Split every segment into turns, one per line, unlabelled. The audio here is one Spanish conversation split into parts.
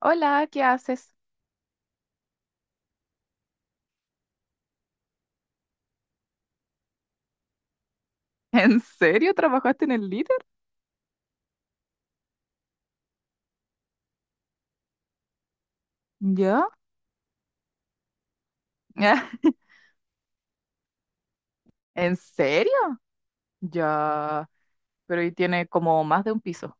Hola, ¿qué haces? ¿En serio trabajaste en el líder? ¿Yo? ¿En serio? Ya, pero ahí tiene como más de un piso.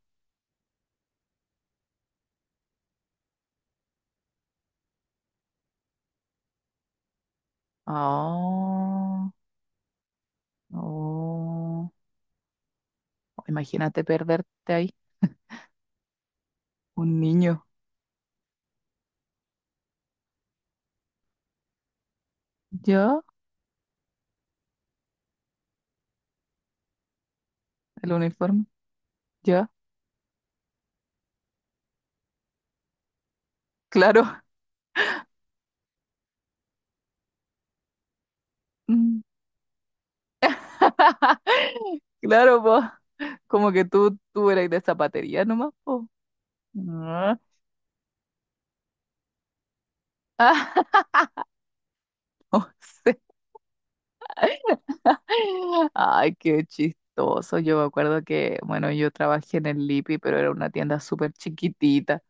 Oh, oh. Imagínate perderte ahí. Un niño. ¿Ya? ¿El uniforme? ¿Ya? Claro. Mm. Claro, po. Como que tú eras de zapatería nomás, po. Ah, ah, no sé. Ay, qué chistoso. Yo me acuerdo que, bueno, yo trabajé en el Lipi, pero era una tienda súper chiquitita.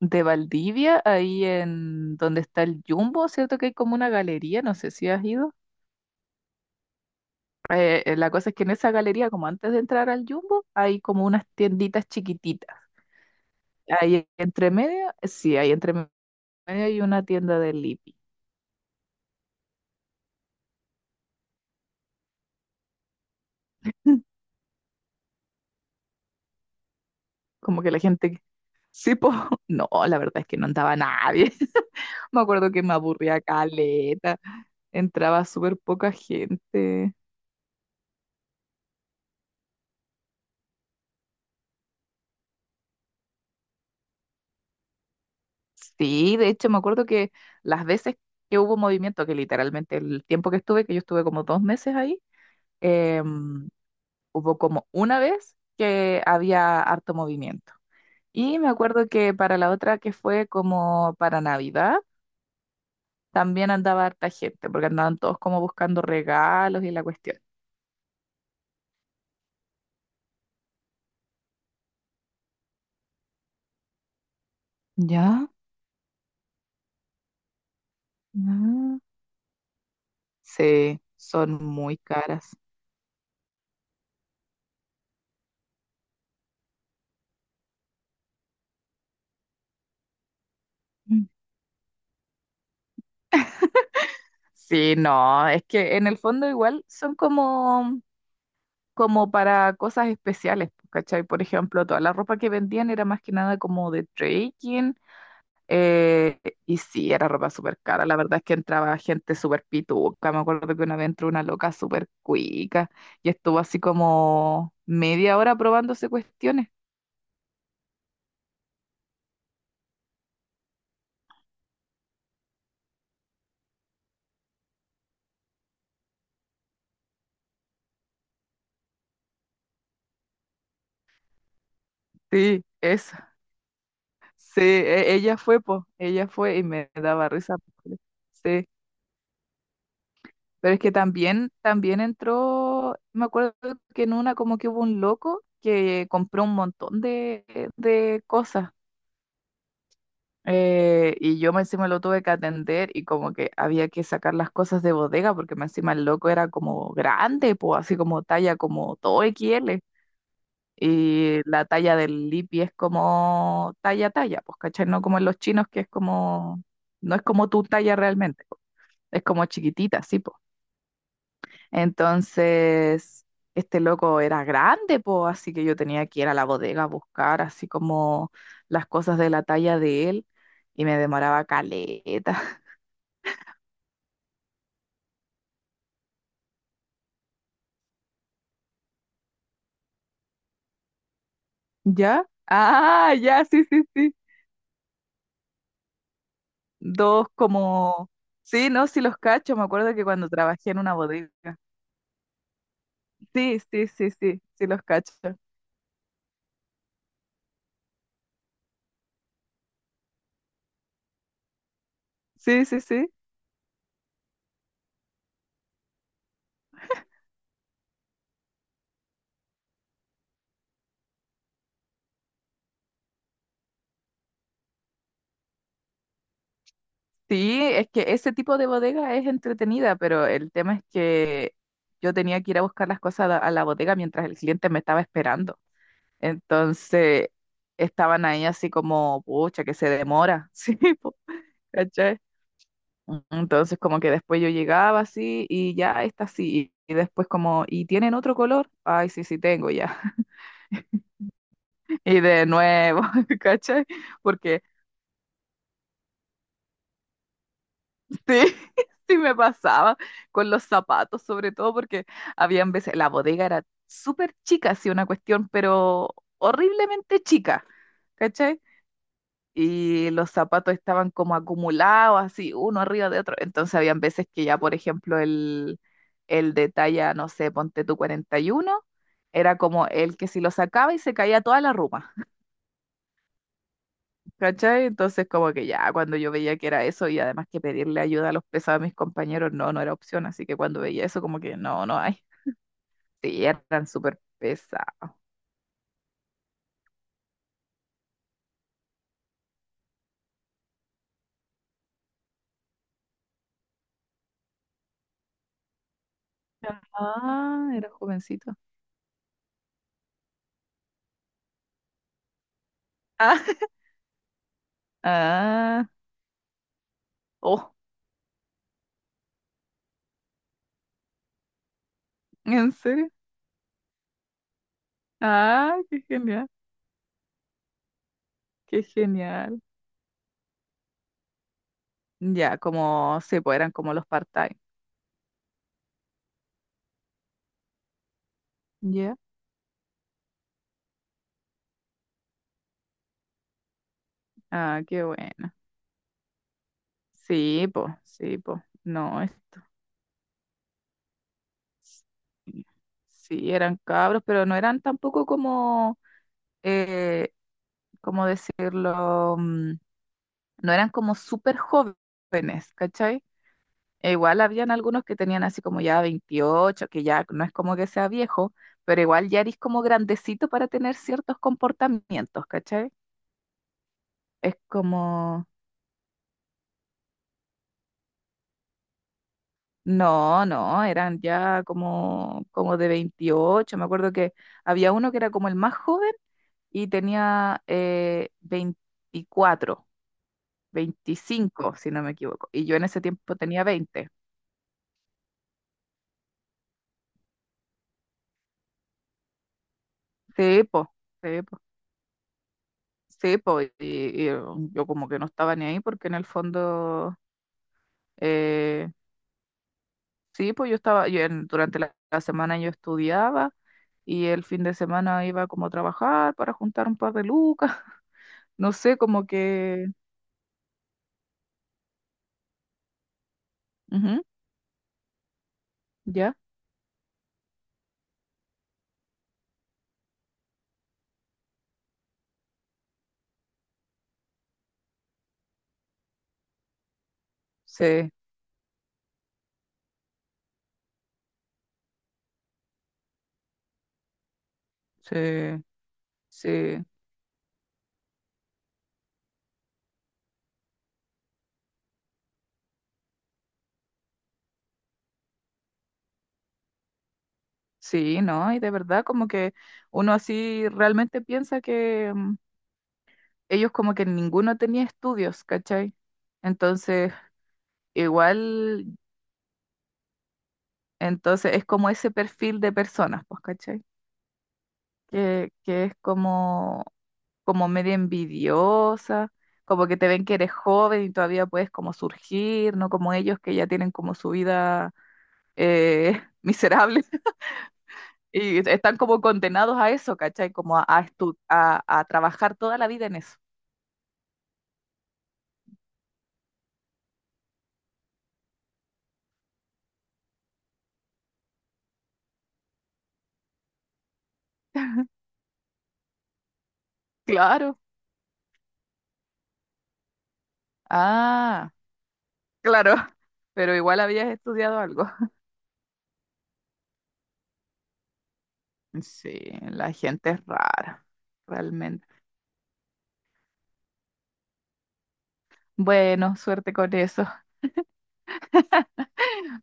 De Valdivia, ahí en donde está el Jumbo, ¿cierto? Que hay como una galería, no sé si has ido. La cosa es que en esa galería, como antes de entrar al Jumbo, hay como unas tienditas chiquititas. Ahí entre medio, sí, ahí entre medio hay una tienda del Lipi. Como que la gente, sí, po. No, la verdad es que no andaba nadie. Me acuerdo que me aburría caleta. Entraba súper poca gente. Sí, de hecho me acuerdo que las veces que hubo movimiento, que literalmente el tiempo que estuve, que yo estuve como 2 meses ahí, em, hubo como una vez que había harto movimiento. Y me acuerdo que para la otra que fue como para Navidad, también andaba harta gente, porque andaban todos como buscando regalos y la cuestión. ¿Ya? Ah. Sí, son muy caras. Sí, no, es que en el fondo igual son como, como para cosas especiales, pues, ¿cachai? Por ejemplo, toda la ropa que vendían era más que nada como de trekking, eh, y sí, era ropa súper cara, la verdad es que entraba gente súper pituca, me acuerdo que una vez entró una loca súper cuica y estuvo así como media hora probándose cuestiones. Sí, eso, sí, ella fue, pues, ella fue y me daba risa. Sí. Pero es que también, también entró, me acuerdo que en una como que hubo un loco que compró un montón de cosas. Y yo me encima lo tuve que atender y como que había que sacar las cosas de bodega porque me encima el loco era como grande, pues así como talla como todo XL. Y la talla del Lipi es como talla talla, pues cachai, no como en los chinos que es como, no es como tu talla realmente, po. Es como chiquitita, sí. Entonces, este loco era grande, po, así que yo tenía que ir a la bodega a buscar así como las cosas de la talla de él y me demoraba caleta. ¿Ya? Ah, ya, sí, sí, sí. Dos como... Sí, no, sí los cacho. Me acuerdo que cuando trabajé en una bodega. Sí, sí, sí, sí, sí los cacho. Sí, sí, sí. Sí, es que ese tipo de bodega es entretenida, pero el tema es que yo tenía que ir a buscar las cosas a la bodega mientras el cliente me estaba esperando. Entonces estaban ahí así como, pucha, que se demora. Sí, po, ¿cachai? Entonces como que después yo llegaba así y ya está así. Y después como, ¿y tienen otro color? Ay, sí, sí tengo ya. Y de nuevo, ¿cachai? Porque sí, sí me pasaba con los zapatos, sobre todo porque habían veces, la bodega era súper chica, sí, una cuestión, pero horriblemente chica, ¿cachai? Y los zapatos estaban como acumulados, así, uno arriba de otro. Entonces habían veces que ya, por ejemplo, el de talla, no sé, ponte tú 41 era como el que si lo sacaba y se caía toda la ruma. ¿Cachai? Entonces, como que ya, cuando yo veía que era eso, y además que pedirle ayuda a los pesados a mis compañeros, no, no era opción. Así que cuando veía eso, como que no, no hay. Sí, eran súper pesados. Ah, era jovencito. Ah, ah, oh, ¿en serio? Ah, qué genial, qué genial. Ya, como, sí, pues eran como los part-time. Ya, ah, qué bueno. Sí, pues, no, esto. Sí, sí, eran cabros, pero no eran tampoco como eh, ¿cómo decirlo? Mm, no eran como súper jóvenes, ¿cachai? E igual habían algunos que tenían así como ya 28, que ya no es como que sea viejo, pero igual ya eres como grandecito para tener ciertos comportamientos, ¿cachai? Es como, no, no, eran ya como, como de 28. Me acuerdo que había uno que era como el más joven y tenía 24. 25, si no me equivoco. Y yo en ese tiempo tenía 20. Sí, pues, sí, po, sí, po, y yo como que no estaba ni ahí porque en el fondo, eh, sí, pues yo estaba, durante la semana yo estudiaba y el fin de semana iba como a trabajar para juntar un par de lucas, no sé, como que, ujú, ya, sí, sí, sí, sí, ¿no? Y de verdad como que uno así realmente piensa que mm, ellos como que ninguno tenía estudios, ¿cachai? Entonces... Igual entonces es como ese perfil de personas, pues, ¿cachai? Que es como, como media envidiosa, como que te ven que eres joven y todavía puedes como surgir, no como ellos que ya tienen como su vida miserable y están como condenados a eso, ¿cachai? Como a, a trabajar toda la vida en eso. Claro. Ah, claro. Pero igual habías estudiado algo. Sí, la gente es rara, realmente. Bueno, suerte con eso.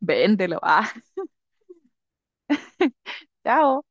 Véndelo. Ah, chao.